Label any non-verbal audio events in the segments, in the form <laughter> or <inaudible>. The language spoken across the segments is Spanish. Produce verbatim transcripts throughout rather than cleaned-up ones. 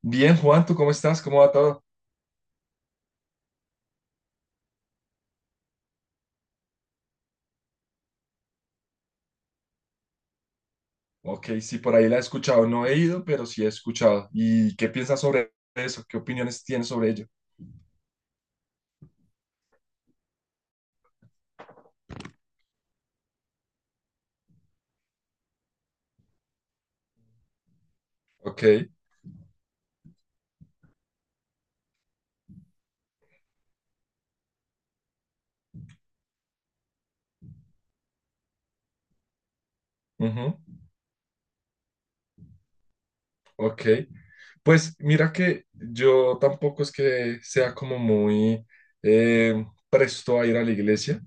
Bien, Juan, ¿tú cómo estás? ¿Cómo va todo? Ok, sí, por ahí la he escuchado. No he ido, pero sí he escuchado. ¿Y qué piensas sobre eso? ¿Qué opiniones tienes sobre ello? Ok. Ujú. Ok, pues mira que yo tampoco es que sea como muy eh, presto a ir a la iglesia.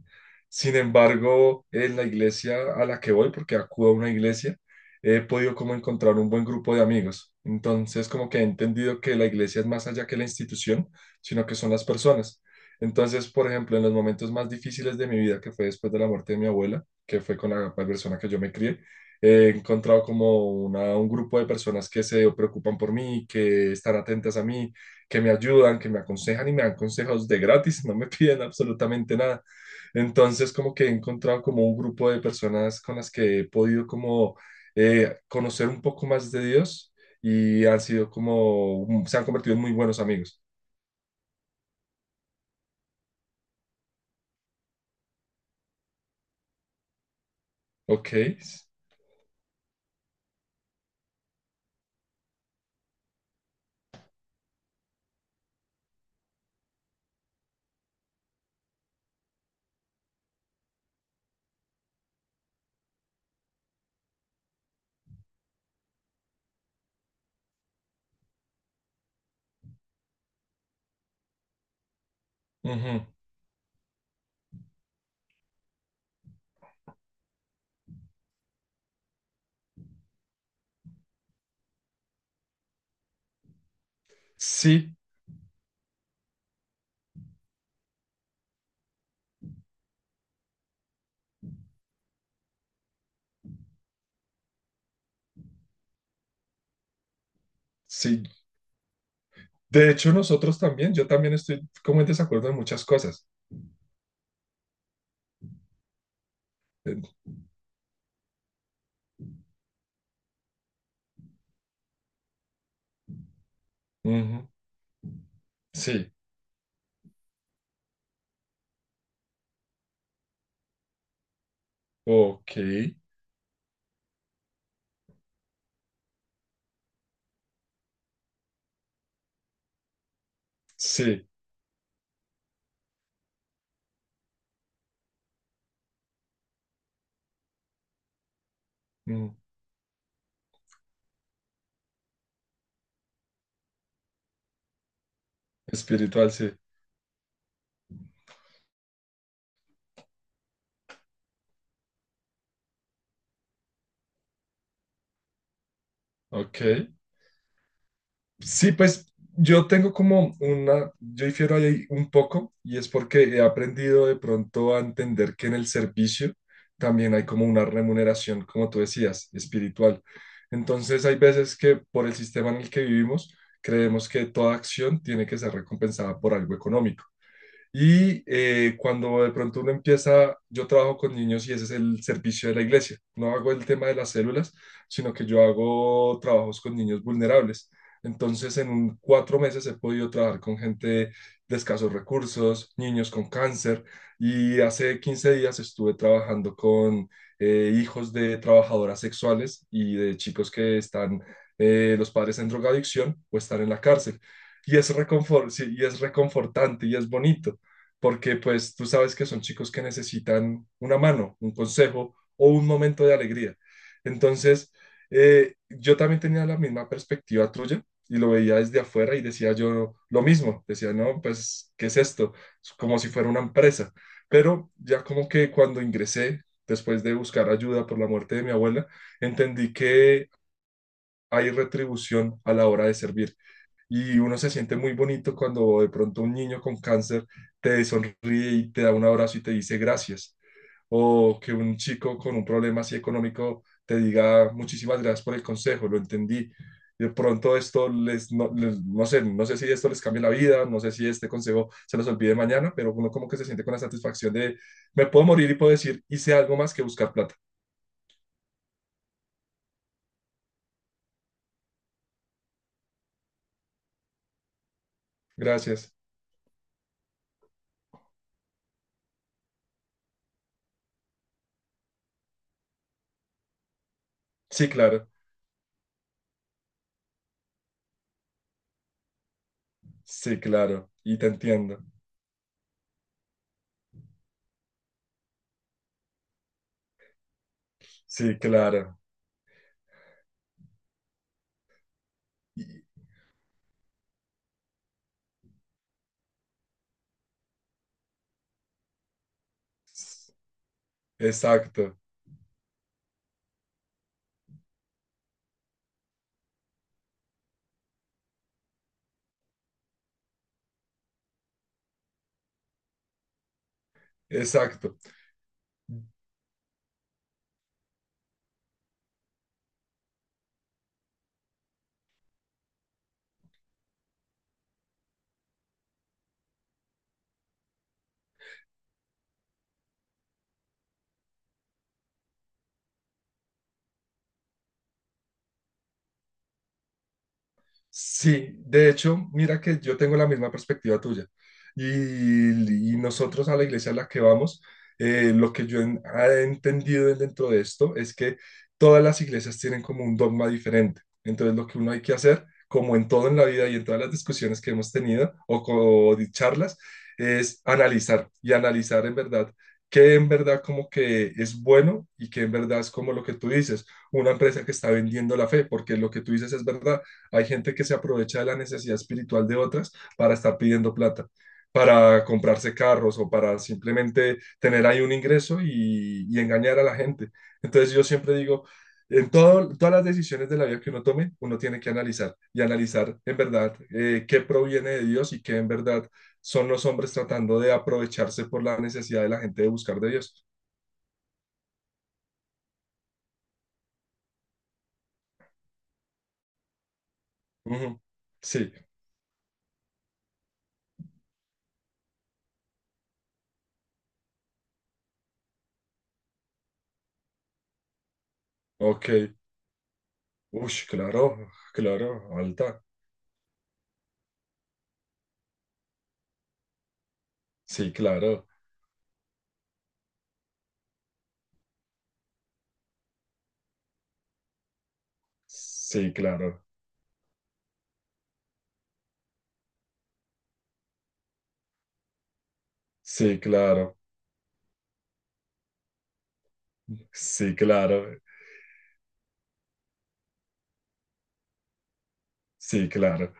Sin embargo, en la iglesia a la que voy, porque acudo a una iglesia, he podido como encontrar un buen grupo de amigos. Entonces, como que he entendido que la iglesia es más allá que la institución, sino que son las personas. Entonces, por ejemplo, en los momentos más difíciles de mi vida, que fue después de la muerte de mi abuela, que fue con la persona que yo me crié, he encontrado como una, un grupo de personas que se preocupan por mí, que están atentas a mí, que me ayudan, que me aconsejan y me dan consejos de gratis, <laughs> no me piden absolutamente nada. Entonces, como que he encontrado como un grupo de personas con las que he podido como eh, conocer un poco más de Dios y han sido como, se han convertido en muy buenos amigos. Ok. Ujú. Sí, sí. De hecho, nosotros también, yo también estoy como en desacuerdo en muchas cosas. Eh, ujú. Sí. Ok, sí, mm, espiritual, sí, ok. Sí, pues yo tengo como una, yo difiero ahí un poco y es porque he aprendido de pronto a entender que en el servicio también hay como una remuneración, como tú decías, espiritual. Entonces hay veces que por el sistema en el que vivimos creemos que toda acción tiene que ser recompensada por algo económico. Y eh, cuando de pronto uno empieza, yo trabajo con niños y ese es el servicio de la iglesia. No hago el tema de las células, sino que yo hago trabajos con niños vulnerables. Entonces, en un- cuatro meses he podido trabajar con gente de escasos recursos, niños con cáncer, y hace quince días estuve trabajando con eh, hijos de trabajadoras sexuales y de chicos que están, eh, los padres en drogadicción o están en la cárcel. Y es reconfor- sí, y es reconfortante y es bonito porque pues tú sabes que son chicos que necesitan una mano, un consejo o un momento de alegría. Entonces, eh, yo también tenía la misma perspectiva tuya y lo veía desde afuera y decía yo lo mismo, decía, no, pues, ¿qué es esto? Es como si fuera una empresa. Pero ya como que cuando ingresé, después de buscar ayuda por la muerte de mi abuela, entendí que hay retribución a la hora de servir y uno se siente muy bonito cuando de pronto un niño con cáncer te sonríe y te da un abrazo y te dice gracias. O que un chico con un problema así económico te diga muchísimas gracias por el consejo, lo entendí. De pronto esto les, no, les- no sé, no sé si esto les cambia la vida, no sé si este consejo se los olvide mañana, pero uno como que se siente con la satisfacción de, me puedo morir y puedo decir, hice algo más que buscar plata. Gracias. Sí, claro. Sí, claro. Y te entiendo. Sí, claro. Y- exacto, exacto. Sí, de hecho, mira que yo tengo la misma perspectiva tuya. Y, y nosotros a la iglesia a la que vamos, eh, lo que yo en- ah, he entendido dentro de esto es que todas las iglesias tienen como un dogma diferente. Entonces, lo que uno hay que hacer, como en todo en la vida y en todas las discusiones que hemos tenido o, co- o de charlas, es analizar y analizar en verdad qué en verdad como que es bueno y qué en verdad es como lo que tú dices, una empresa que está vendiendo la fe, porque lo que tú dices es verdad, hay gente que se aprovecha de la necesidad espiritual de otras para estar pidiendo plata, para comprarse carros o para simplemente tener ahí un ingreso y, y engañar a la gente. Entonces yo siempre digo, en todo, todas las decisiones de la vida que uno tome, uno tiene que analizar y analizar en verdad eh, qué proviene de Dios y qué en verdad son los hombres tratando de aprovecharse por la necesidad de la gente de buscar de Dios. Ujú. Sí, ok. Ush, claro, claro, alta. Sí, claro. Sí, claro. Sí, claro. Sí, claro. Sí, claro.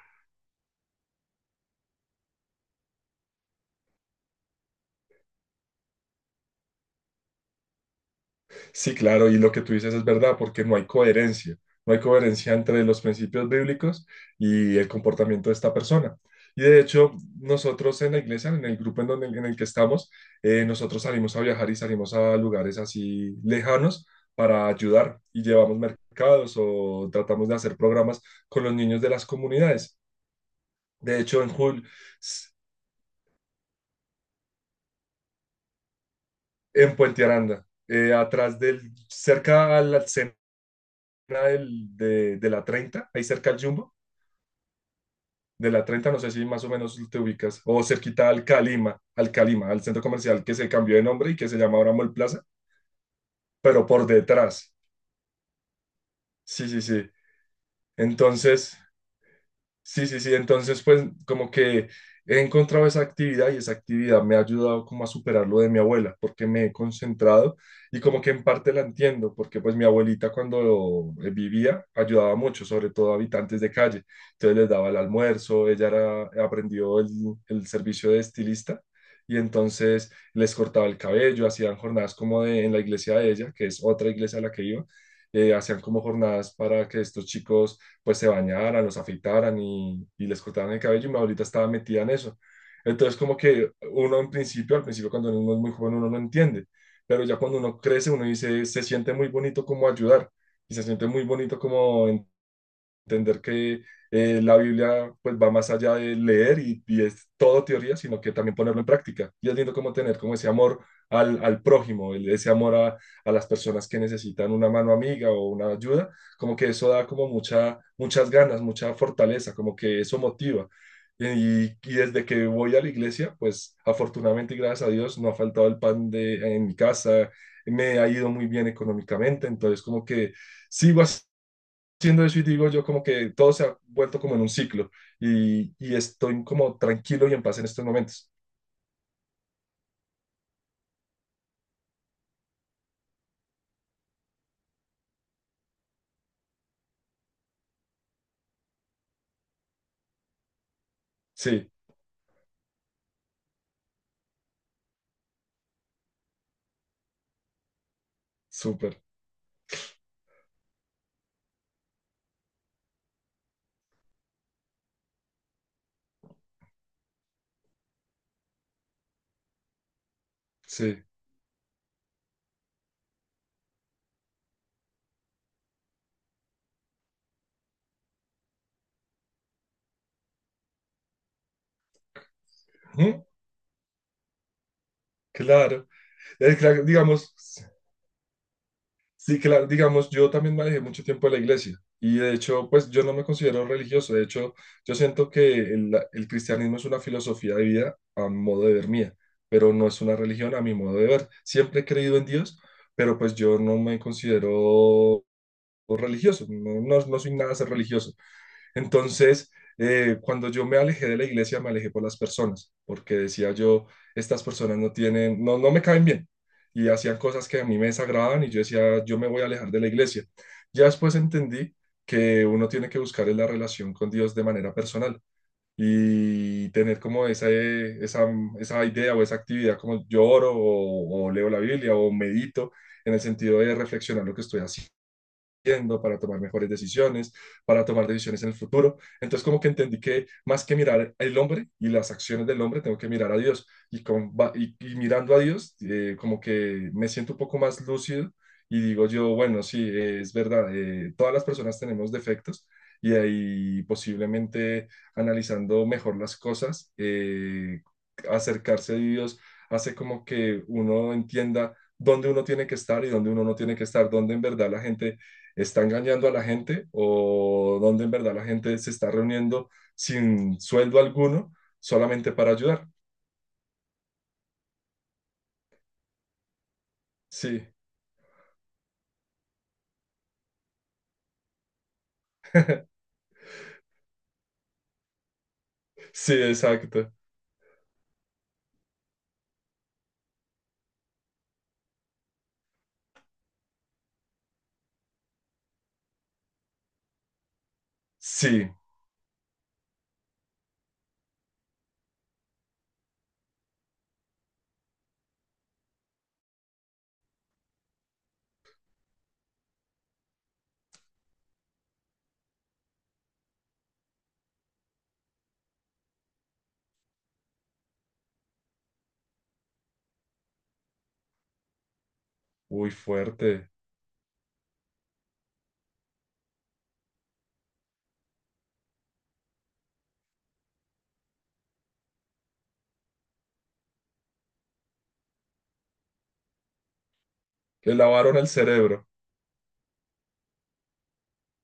Sí, claro. Y lo que tú dices es verdad, porque no hay coherencia. No hay coherencia entre los principios bíblicos y el comportamiento de esta persona. Y de hecho, nosotros en la iglesia, en el grupo en, donde, en el que estamos, eh, nosotros salimos a viajar y salimos a lugares así lejanos para ayudar y llevamos mercados o tratamos de hacer programas con los niños de las comunidades. De hecho, en julio, en Puente Aranda, eh, atrás del, cerca a la escena del, de, de la treinta, ahí cerca al Jumbo, de la treinta, no sé si más o menos te ubicas, o cerquita al Calima, al Calima, al centro comercial que se cambió de nombre y que se llama ahora Mall Plaza, pero por detrás. Sí, sí, sí. Entonces, sí, sí, sí. Entonces, pues como que he encontrado esa actividad y esa actividad me ha ayudado como a superar lo de mi abuela, porque me he concentrado y como que en parte la entiendo, porque pues mi abuelita cuando eh, vivía ayudaba mucho, sobre todo a habitantes de calle. Entonces les daba el almuerzo, ella era, aprendió el, el servicio de estilista y entonces les cortaba el cabello, hacían jornadas como de, en la iglesia de ella, que es otra iglesia a la que iba, eh, hacían como jornadas para que estos chicos pues se bañaran, los afeitaran y, y les cortaran el cabello y mi abuelita estaba metida en eso. Entonces como que uno en principio, al principio cuando uno es muy joven uno no entiende, pero ya cuando uno crece uno dice, se siente muy bonito como ayudar y se siente muy bonito como en- entender que eh, la Biblia pues va más allá de leer y, y es todo teoría, sino que también ponerlo en práctica. Y es lindo como tener como ese amor al, al prójimo, el- ese amor a, a las personas que necesitan una mano amiga o una ayuda, como que eso da como mucha, muchas ganas, mucha fortaleza, como que eso motiva. Y, y desde que voy a la iglesia, pues afortunadamente y gracias a Dios no ha faltado el pan de, en mi casa, me ha ido muy bien económicamente, entonces como que sigo siendo eso y digo yo como que todo se ha vuelto como en un ciclo y, y estoy como tranquilo y en paz en estos momentos. Sí, súper, sí. Ujú, claro. Eh, claro, digamos, sí, claro, digamos, yo también manejé mucho tiempo en la iglesia y de hecho, pues yo no me considero religioso, de hecho, yo siento que el, el cristianismo es una filosofía de vida a modo de ver mía, pero no es una religión a mi modo de ver. Siempre he creído en Dios, pero pues yo no me considero o religioso, no, no, no soy nada ser religioso. Entonces, eh, cuando yo me alejé de la iglesia, me alejé por las personas, porque decía yo, estas personas no tienen, no, no me caen bien, y hacían cosas que a mí me desagradaban y yo decía, yo me voy a alejar de la iglesia. Ya después entendí que uno tiene que buscar en la relación con Dios de manera personal y tener como esa, eh, esa, esa idea o esa actividad como yo oro o, o leo la Biblia o medito en el sentido de reflexionar lo que estoy haciendo para tomar mejores decisiones, para tomar decisiones en el futuro. Entonces como que entendí que más que mirar el hombre y las acciones del hombre, tengo que mirar a Dios. Y, con, y, y mirando a Dios, eh, como que me siento un poco más lúcido y digo yo, bueno, sí, eh, es verdad, eh, todas las personas tenemos defectos y ahí posiblemente analizando mejor las cosas, eh, acercarse a Dios hace como que uno entienda dónde uno tiene que estar y dónde uno no tiene que estar, dónde en verdad la gente está engañando a la gente o donde en verdad la gente se está reuniendo sin sueldo alguno solamente para ayudar. Sí, sí, exacto. Sí, uy, fuerte. Le lavaron el cerebro.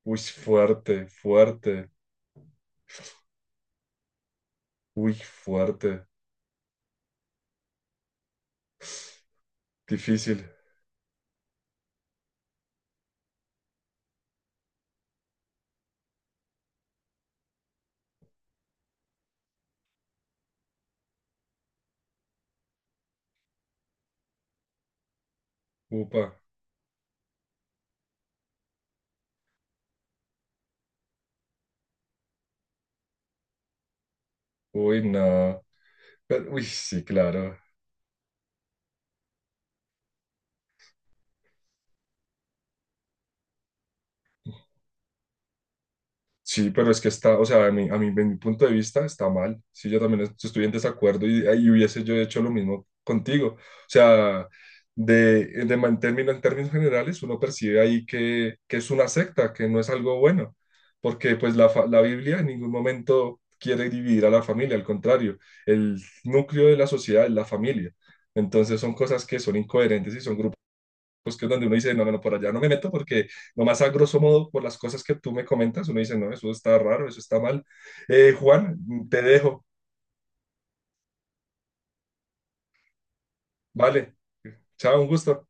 Uy, fuerte, fuerte. Uy, fuerte. Difícil. Upa. Uy, no. Pero, uy, sí, claro. Sí, pero es que está, o sea, a mí, a mí, de mi punto de vista está mal. Sí, yo también est- estoy en desacuerdo y, y hubiese yo hecho lo mismo contigo. O sea, de, de man- término- en términos generales, uno percibe ahí que, que es una secta, que no es algo bueno, porque pues la, fa- la Biblia en ningún momento quiere dividir a la familia, al contrario, el núcleo de la sociedad es la familia. Entonces son cosas que son incoherentes y son grupos pues que es donde uno dice, no, no, no, por allá no me meto porque nomás a grosso modo por las cosas que tú me comentas, uno dice, no, eso está raro, eso está mal. Eh, Juan, te dejo, vale, chao, un gusto.